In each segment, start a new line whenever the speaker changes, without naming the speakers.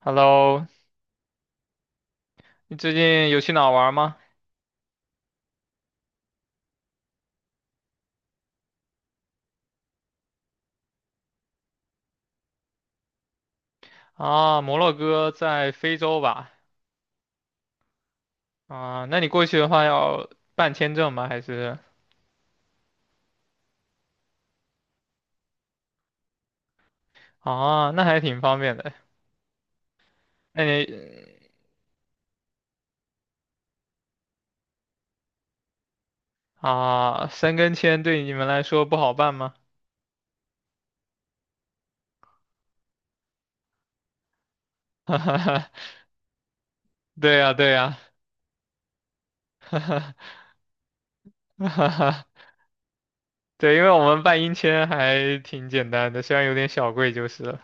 Hello，你最近有去哪儿玩儿吗？啊，摩洛哥在非洲吧？啊，那你过去的话要办签证吗？还是啊，那还挺方便的。那你啊，申根签对你们来说不好办吗？哈哈哈，对呀，对呀，哈哈，对，因为我们办英签还挺简单的，虽然有点小贵就是了。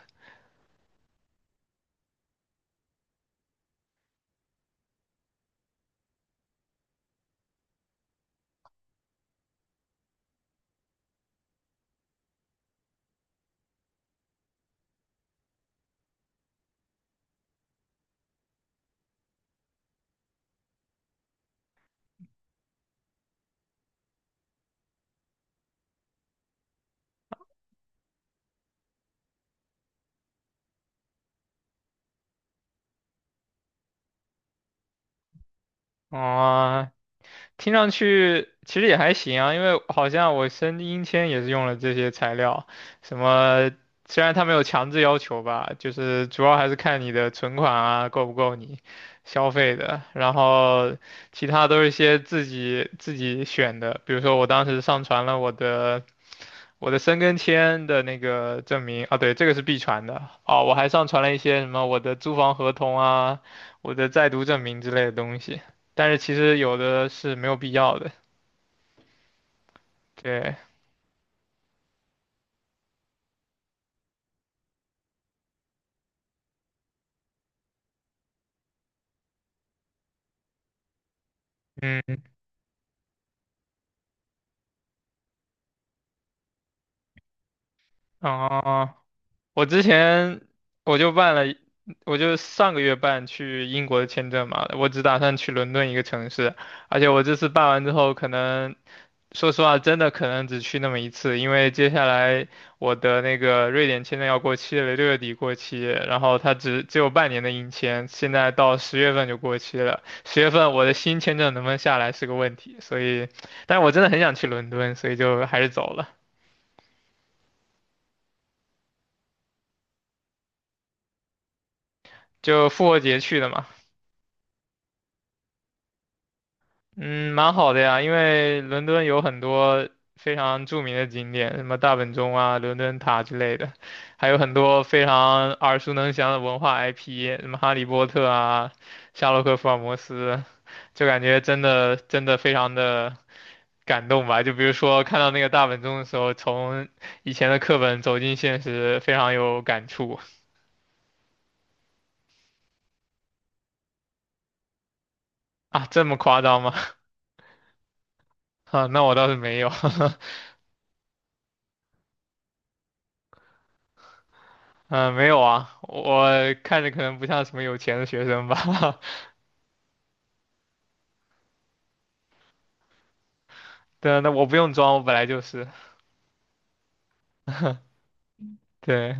啊，听上去其实也还行啊，因为好像我声音签也是用了这些材料，什么虽然他没有强制要求吧，就是主要还是看你的存款啊够不够你消费的，然后其他都是一些自己选的，比如说我当时上传了我的申根签的那个证明啊，对，这个是必传的哦。我还上传了一些什么我的租房合同啊、我的在读证明之类的东西，但是其实有的是没有必要的。对，嗯，啊、我之前我就办了我就上个月办去英国的签证嘛，我只打算去伦敦一个城市，而且我这次办完之后，可能说实话，真的可能只去那么一次，因为接下来我的那个瑞典签证要过期了，六月底过期，然后它只有半年的硬签，现在到十月份就过期了，十月份我的新签证能不能下来是个问题，所以，但是我真的很想去伦敦，所以就还是走了，就复活节去的嘛。嗯，蛮好的呀，因为伦敦有很多非常著名的景点，什么大本钟啊、伦敦塔之类的，还有很多非常耳熟能详的文化 IP，什么《哈利波特》啊、《夏洛克·福尔摩斯》，就感觉真的真的非常的感动吧。就比如说看到那个大本钟的时候，从以前的课本走进现实，非常有感触啊。这么夸张吗？啊，那我倒是没有。嗯，没有啊，我看着可能不像什么有钱的学生吧。对啊，那我不用装，我本来就是。对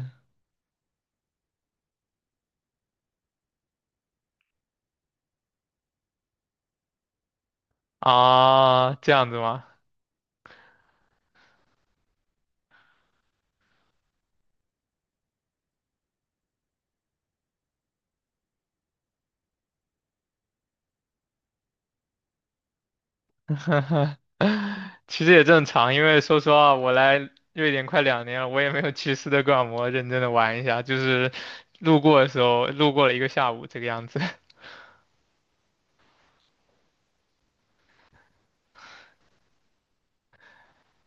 啊，这样子吗？其实也正常，因为说实话，我来瑞典快两年了，我也没有去斯德哥尔摩认真的玩一下，就是路过的时候，路过了一个下午这个样子。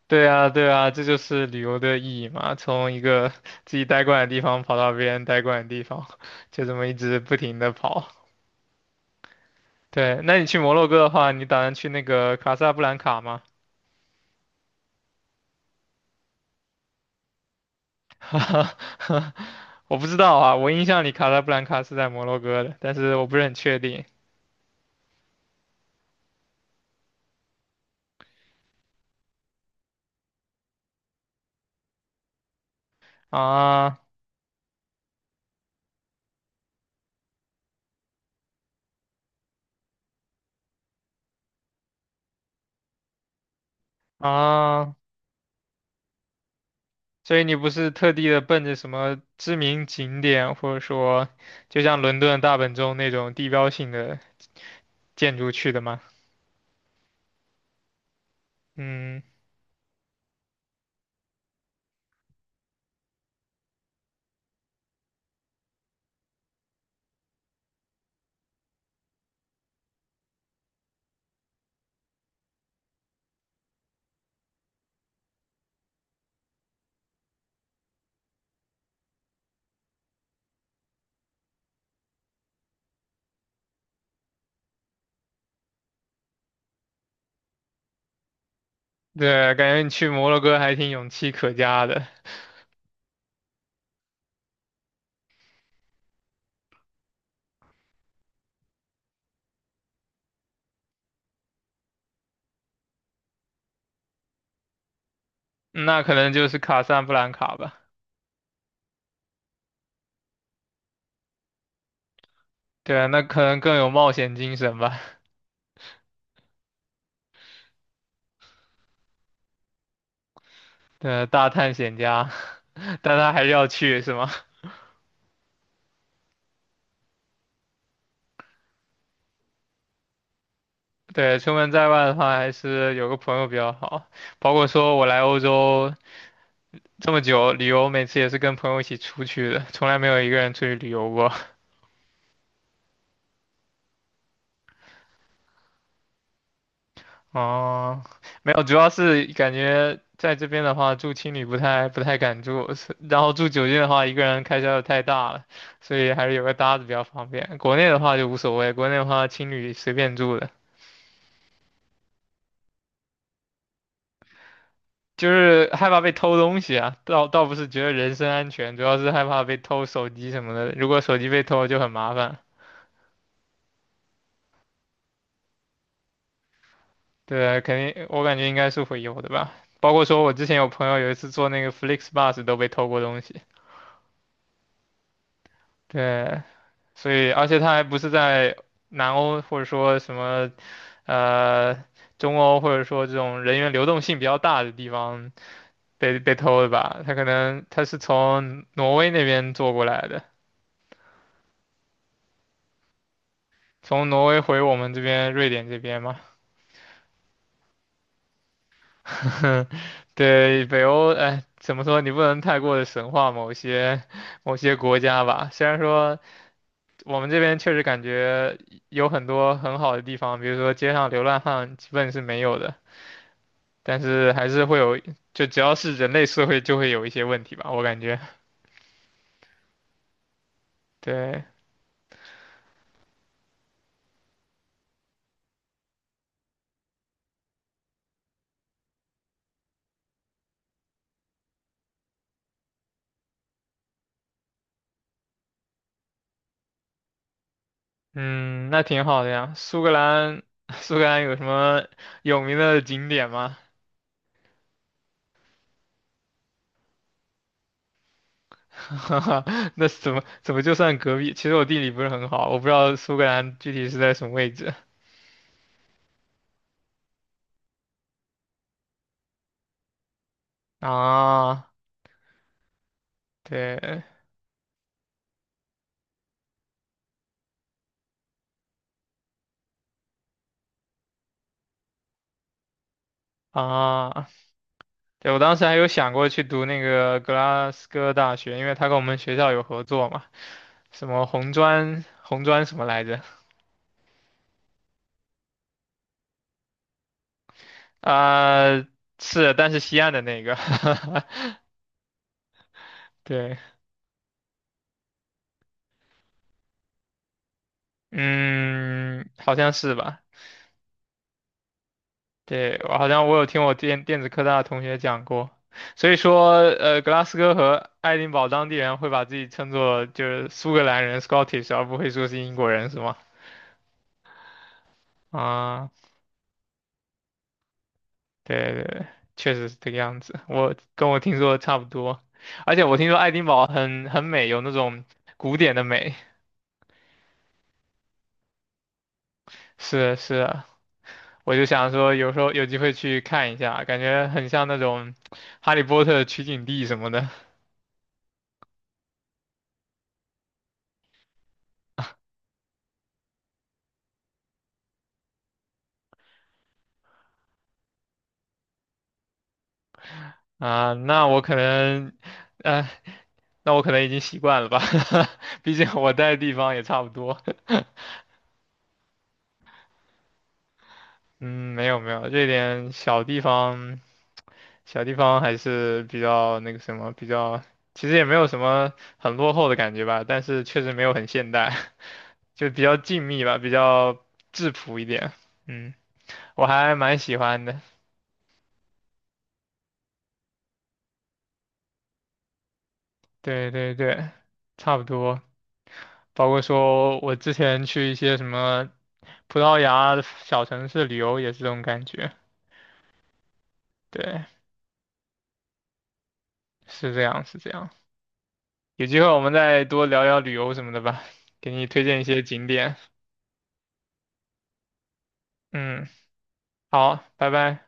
对啊，对啊，这就是旅游的意义嘛，从一个自己待惯的地方跑到别人待惯的地方，就这么一直不停的跑。对，那你去摩洛哥的话，你打算去那个卡萨布兰卡吗？我不知道啊，我印象里卡萨布兰卡是在摩洛哥的，但是我不是很确定啊啊。所以你不是特地的奔着什么知名景点，或者说就像伦敦的大本钟那种地标性的建筑去的吗？嗯，对，感觉你去摩洛哥还挺勇气可嘉的。那可能就是卡萨布兰卡吧。对啊，那可能更有冒险精神吧。对，大探险家，但他还是要去，是吗？对，出门在外的话，还是有个朋友比较好。包括说我来欧洲这么久，旅游每次也是跟朋友一起出去的，从来没有一个人出去旅游过。哦，没有，主要是感觉在这边的话，住青旅不太敢住，是然后住酒店的话，一个人开销又太大了，所以还是有个搭子比较方便。国内的话就无所谓，国内的话青旅随便住的。就是害怕被偷东西啊，倒不是觉得人身安全，主要是害怕被偷手机什么的。如果手机被偷就很麻烦，对啊，肯定我感觉应该是会有的吧。包括说我之前有朋友有一次坐那个 FlixBus 都被偷过东西，对，所以而且他还不是在南欧或者说什么呃中欧或者说这种人员流动性比较大的地方被偷的吧，他可能他是从挪威那边坐过来的。从挪威回我们这边瑞典这边嘛，对，北欧，哎，怎么说？你不能太过的神化某些国家吧。虽然说我们这边确实感觉有很多很好的地方，比如说街上流浪汉基本是没有的，但是还是会有，就只要是人类社会就会有一些问题吧，我感觉。对，嗯，那挺好的呀。苏格兰，苏格兰有什么有名的景点吗？哈哈，那怎么就算隔壁？其实我地理不是很好，我不知道苏格兰具体是在什么位置 啊。对啊，对，我当时还有想过去读那个格拉斯哥大学，因为他跟我们学校有合作嘛，什么红砖什么来着？啊、是，但是西岸的那个，对，嗯，好像是吧。对，我好像我有听我电子科大的同学讲过，所以说，格拉斯哥和爱丁堡当地人会把自己称作就是苏格兰人 （Scottish），而不会说是英国人，是吗？啊，对对对，确实是这个样子，我跟我听说的差不多，而且我听说爱丁堡很美，有那种古典的美，是是啊，我就想说有时候有机会去看一下，感觉很像那种《哈利波特》取景地什么的啊，那我可能。呃，那我可能已经习惯了吧，毕竟我待的地方也差不多。嗯，没有没有，这点小地方，小地方还是比较那个什么，比较其实也没有什么很落后的感觉吧，但是确实没有很现代，就比较静谧吧，比较质朴一点。嗯，我还蛮喜欢的。对对对，差不多。包括说我之前去一些什么葡萄牙的小城市旅游也是这种感觉。对，是这样，是这样。有机会我们再多聊聊旅游什么的吧，给你推荐一些景点。嗯，好，拜拜。